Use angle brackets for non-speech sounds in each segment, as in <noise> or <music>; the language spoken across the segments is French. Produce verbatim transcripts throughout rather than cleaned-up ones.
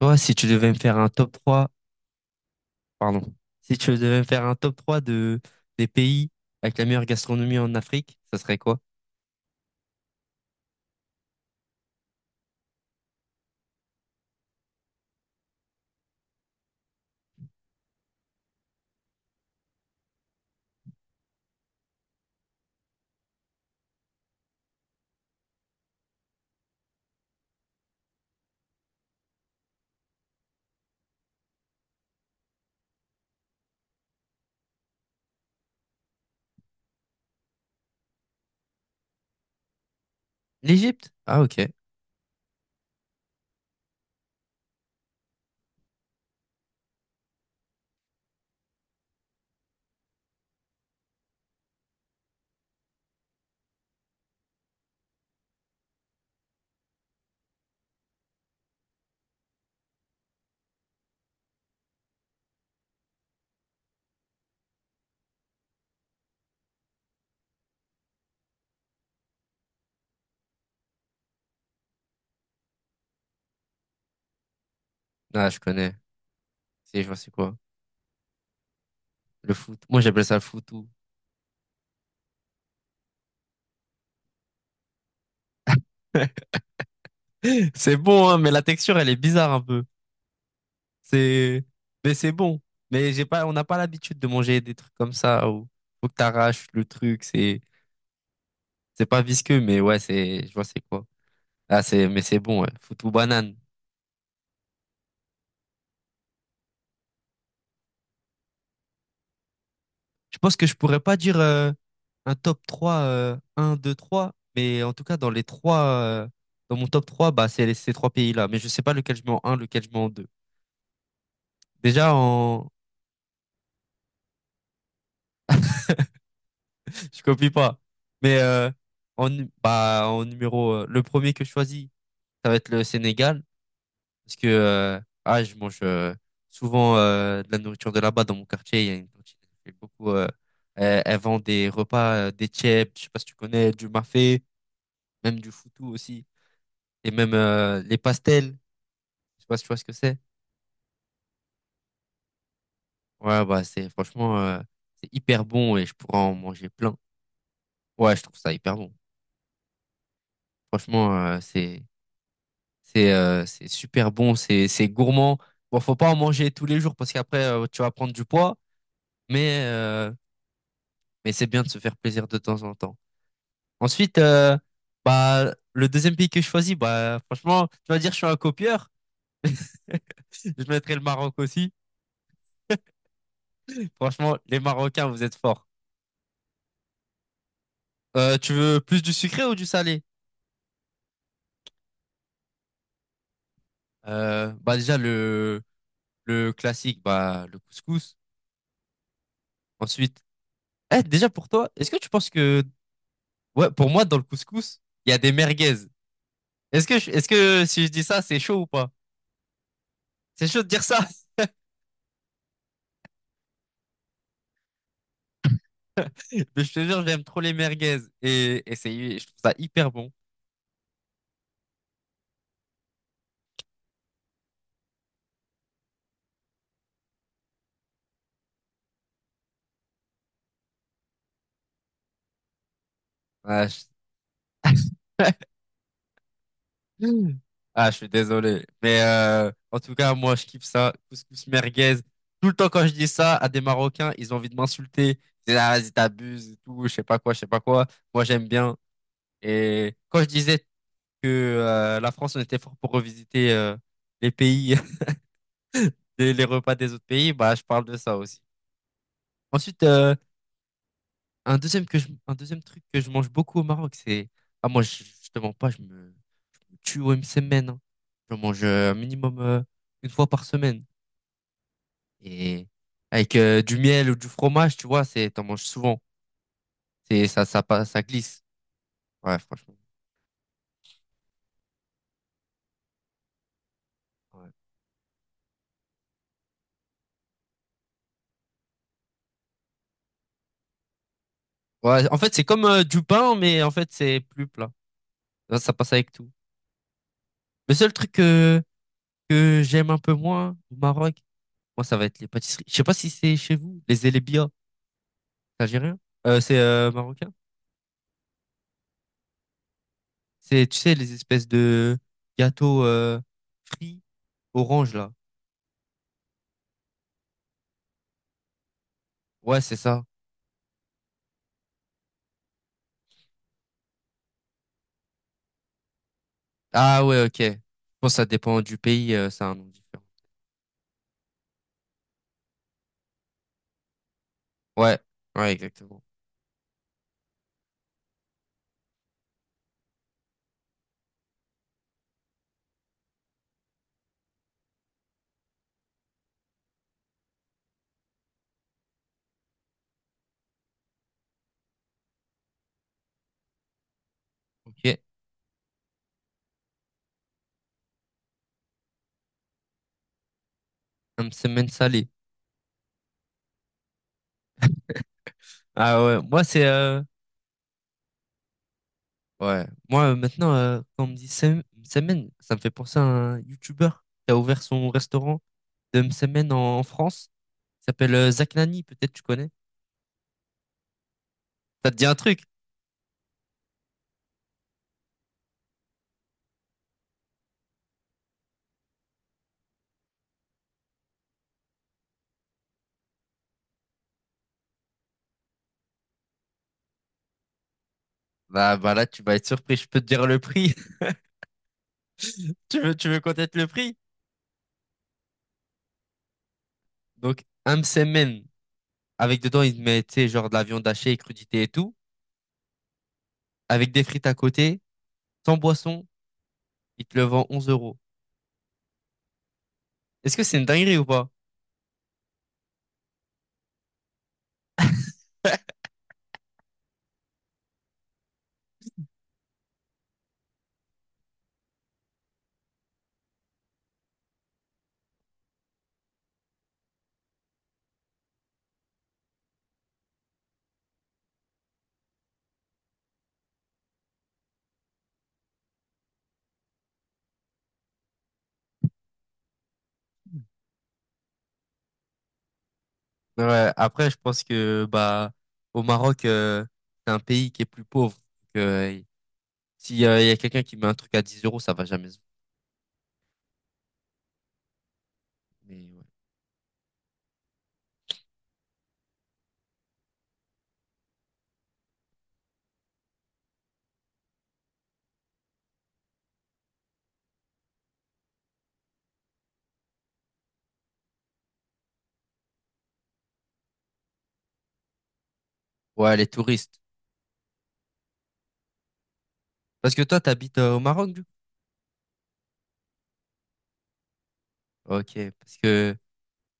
Toi, si tu devais me faire un top trois pardon, si tu devais me faire un top trois de, des pays avec la meilleure gastronomie en Afrique, ça serait quoi? L'Égypte? Ah, ok. Ah, je connais. Si, je vois c'est quoi. Le foot. Moi, j'appelle ça le foutou. <laughs> C'est bon, hein, mais la texture, elle est bizarre un peu. C'est, mais c'est bon. Mais j'ai pas, on n'a pas l'habitude de manger des trucs comme ça où faut que t'arraches le truc. C'est, c'est pas visqueux, mais ouais, c'est, je vois c'est quoi. Ah, c'est, mais c'est bon, ouais. Foutou banane. Je pense que je pourrais pas dire euh, un top trois euh, un, deux, trois, mais en tout cas, dans les trois, euh, dans mon top trois bah, c'est les- ces trois pays-là. Mais je sais pas lequel je mets en un, lequel je mets en deux. Déjà, en... <laughs> Je copie pas. Mais euh, en, nu- bah, en numéro, euh, le premier que je choisis, ça va être le Sénégal. Parce que euh, ah, je mange euh, souvent euh, de la nourriture de là-bas dans mon quartier. Il y a une cantine qui fait beaucoup. euh, elle, elle vend des repas, euh, des tchèps, je sais pas si tu connais, du mafé, même du foutou aussi. Et même euh, les pastels, je sais pas si tu vois ce que c'est. Ouais, bah c'est franchement euh, c'est hyper bon et je pourrais en manger plein. Ouais, je trouve ça hyper bon. Franchement, euh, c'est c'est euh, c'est super bon, c'est c'est gourmand. Bon, faut pas en manger tous les jours parce qu'après euh, tu vas prendre du poids, mais euh, mais c'est bien de se faire plaisir de temps en temps. Ensuite, euh, bah le deuxième pays que je choisis, bah franchement, tu vas dire je suis un copieur. <laughs> Je mettrai le Maroc aussi. Franchement, les Marocains, vous êtes forts. Euh, tu veux plus du sucré ou du salé? Euh, bah déjà le le classique, bah le couscous. Ensuite, eh déjà pour toi, est-ce que tu penses que ouais pour moi dans le couscous il y a des merguez. Est-ce que je- est-ce que si je dis ça c'est chaud ou pas? C'est chaud de dire ça. <laughs> Mais je te jure j'aime trop les merguez et et c'est je trouve ça hyper bon. Ouais, je- <laughs> Hmm. Ah, je suis désolé. Mais euh, en tout cas, moi, je kiffe ça. Couscous merguez. Tout le temps, quand je dis ça à des Marocains, ils ont envie de m'insulter. Ils disent, ah, vas-y, t'abuses et tout, je sais pas quoi, je sais pas quoi. Moi, j'aime bien. Et quand je disais que euh, la France, on était fort pour revisiter euh, les pays, <laughs> les, les repas des autres pays, bah, je parle de ça aussi. Ensuite, euh, un deuxième que je, un deuxième truc que je mange beaucoup au Maroc, c'est... Ah, moi, je, je te mens pas, je me... tue une semaine. Hein. J'en mange euh, un minimum euh, une fois par semaine. Et avec euh, du miel ou du fromage, tu vois, c'est, t'en manges souvent. C'est, ça, ça, passe- ça glisse. Ouais, franchement. Ouais. Ouais, en fait, c'est comme euh, du pain, mais en fait, c'est plus plat. Là, ça passe avec tout. Le seul truc que, que j'aime un peu moins au Maroc, moi, ça va être les pâtisseries. Je sais pas si c'est chez vous, les élébia, c'est algérien. Euh, c'est euh, marocain. C'est, tu sais, les espèces de gâteaux euh, frits orange, là. Ouais, c'est ça. Ah ouais, ok. Je pense que ça dépend du pays, euh, c'est un nom différent. Ouais, ouais, exactement. Ok. Un semaine salé. Ah ouais, moi c'est... euh, ouais, moi euh, maintenant, euh, quand on me dit sem- semaine, ça me fait penser à un YouTuber qui a ouvert son restaurant de semaine en, en France. Il s'appelle euh, Zach Nani, peut-être tu connais. Ça te dit un truc? Bah, bah là, tu vas être surpris, je peux te dire le prix. <laughs> Tu veux, tu veux connaître le prix? Donc, un semaine avec dedans, il met, tu sais, genre de la viande hachée et crudité et tout, avec des frites à côté. Sans boisson, il te le vend onze euros. Est-ce que c'est une dinguerie ou pas? Ouais, après, je pense que bah au Maroc, euh, c'est un pays qui est plus pauvre. Donc, euh, si euh, il y a quelqu'un qui met un truc à dix euros, ça va jamais se vendre. Mais ouais. Ouais, les touristes. Parce que toi, t'habites euh, au Maroc, du coup? Ok, parce que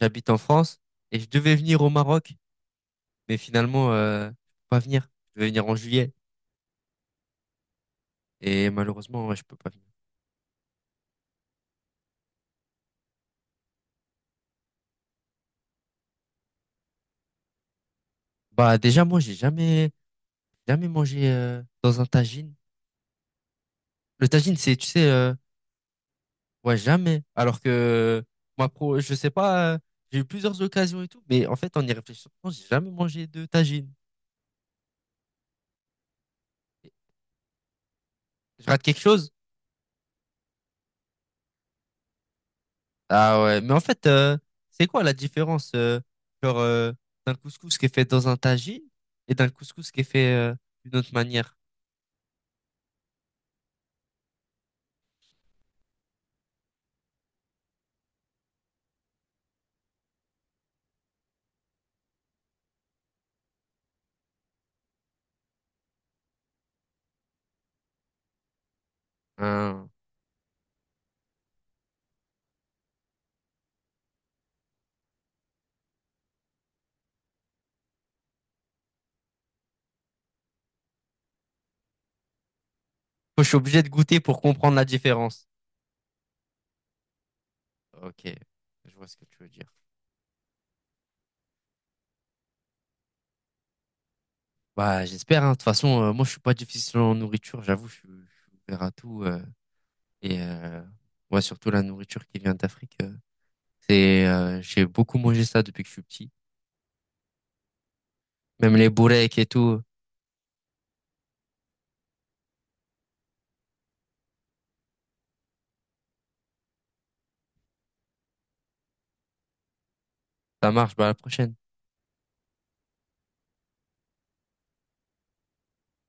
j'habite en France et je devais venir au Maroc, mais finalement, euh, je peux pas venir. Je devais venir en juillet et malheureusement, ouais, je peux pas venir. Bah déjà, moi, j'ai jamais jamais mangé euh, dans un tagine. Le tagine, c'est, tu sais, euh, Ouais, jamais. Alors que moi, pro, je sais pas, euh, j'ai eu plusieurs occasions et tout, mais en fait, en y réfléchissant, j'ai jamais mangé de tagine. Je rate quelque chose? Ah ouais, mais en fait, euh, c'est quoi la différence euh, genre, euh, d'un couscous qui est fait dans un tagine et d'un couscous qui est fait euh, d'une autre manière? Hein. Faut- Je suis obligé de goûter pour comprendre la différence. Ok, je vois ce que tu veux dire. Bah, j'espère, hein. De toute façon, euh, moi, je suis pas difficile en nourriture, j'avoue, je, suis je suis ouvert à tout. Euh, et euh, ouais, surtout la nourriture qui vient d'Afrique. Euh, c'est, euh, j'ai beaucoup mangé ça depuis que je suis petit. Même les boureks et tout, ça marche. Bah, à la prochaine.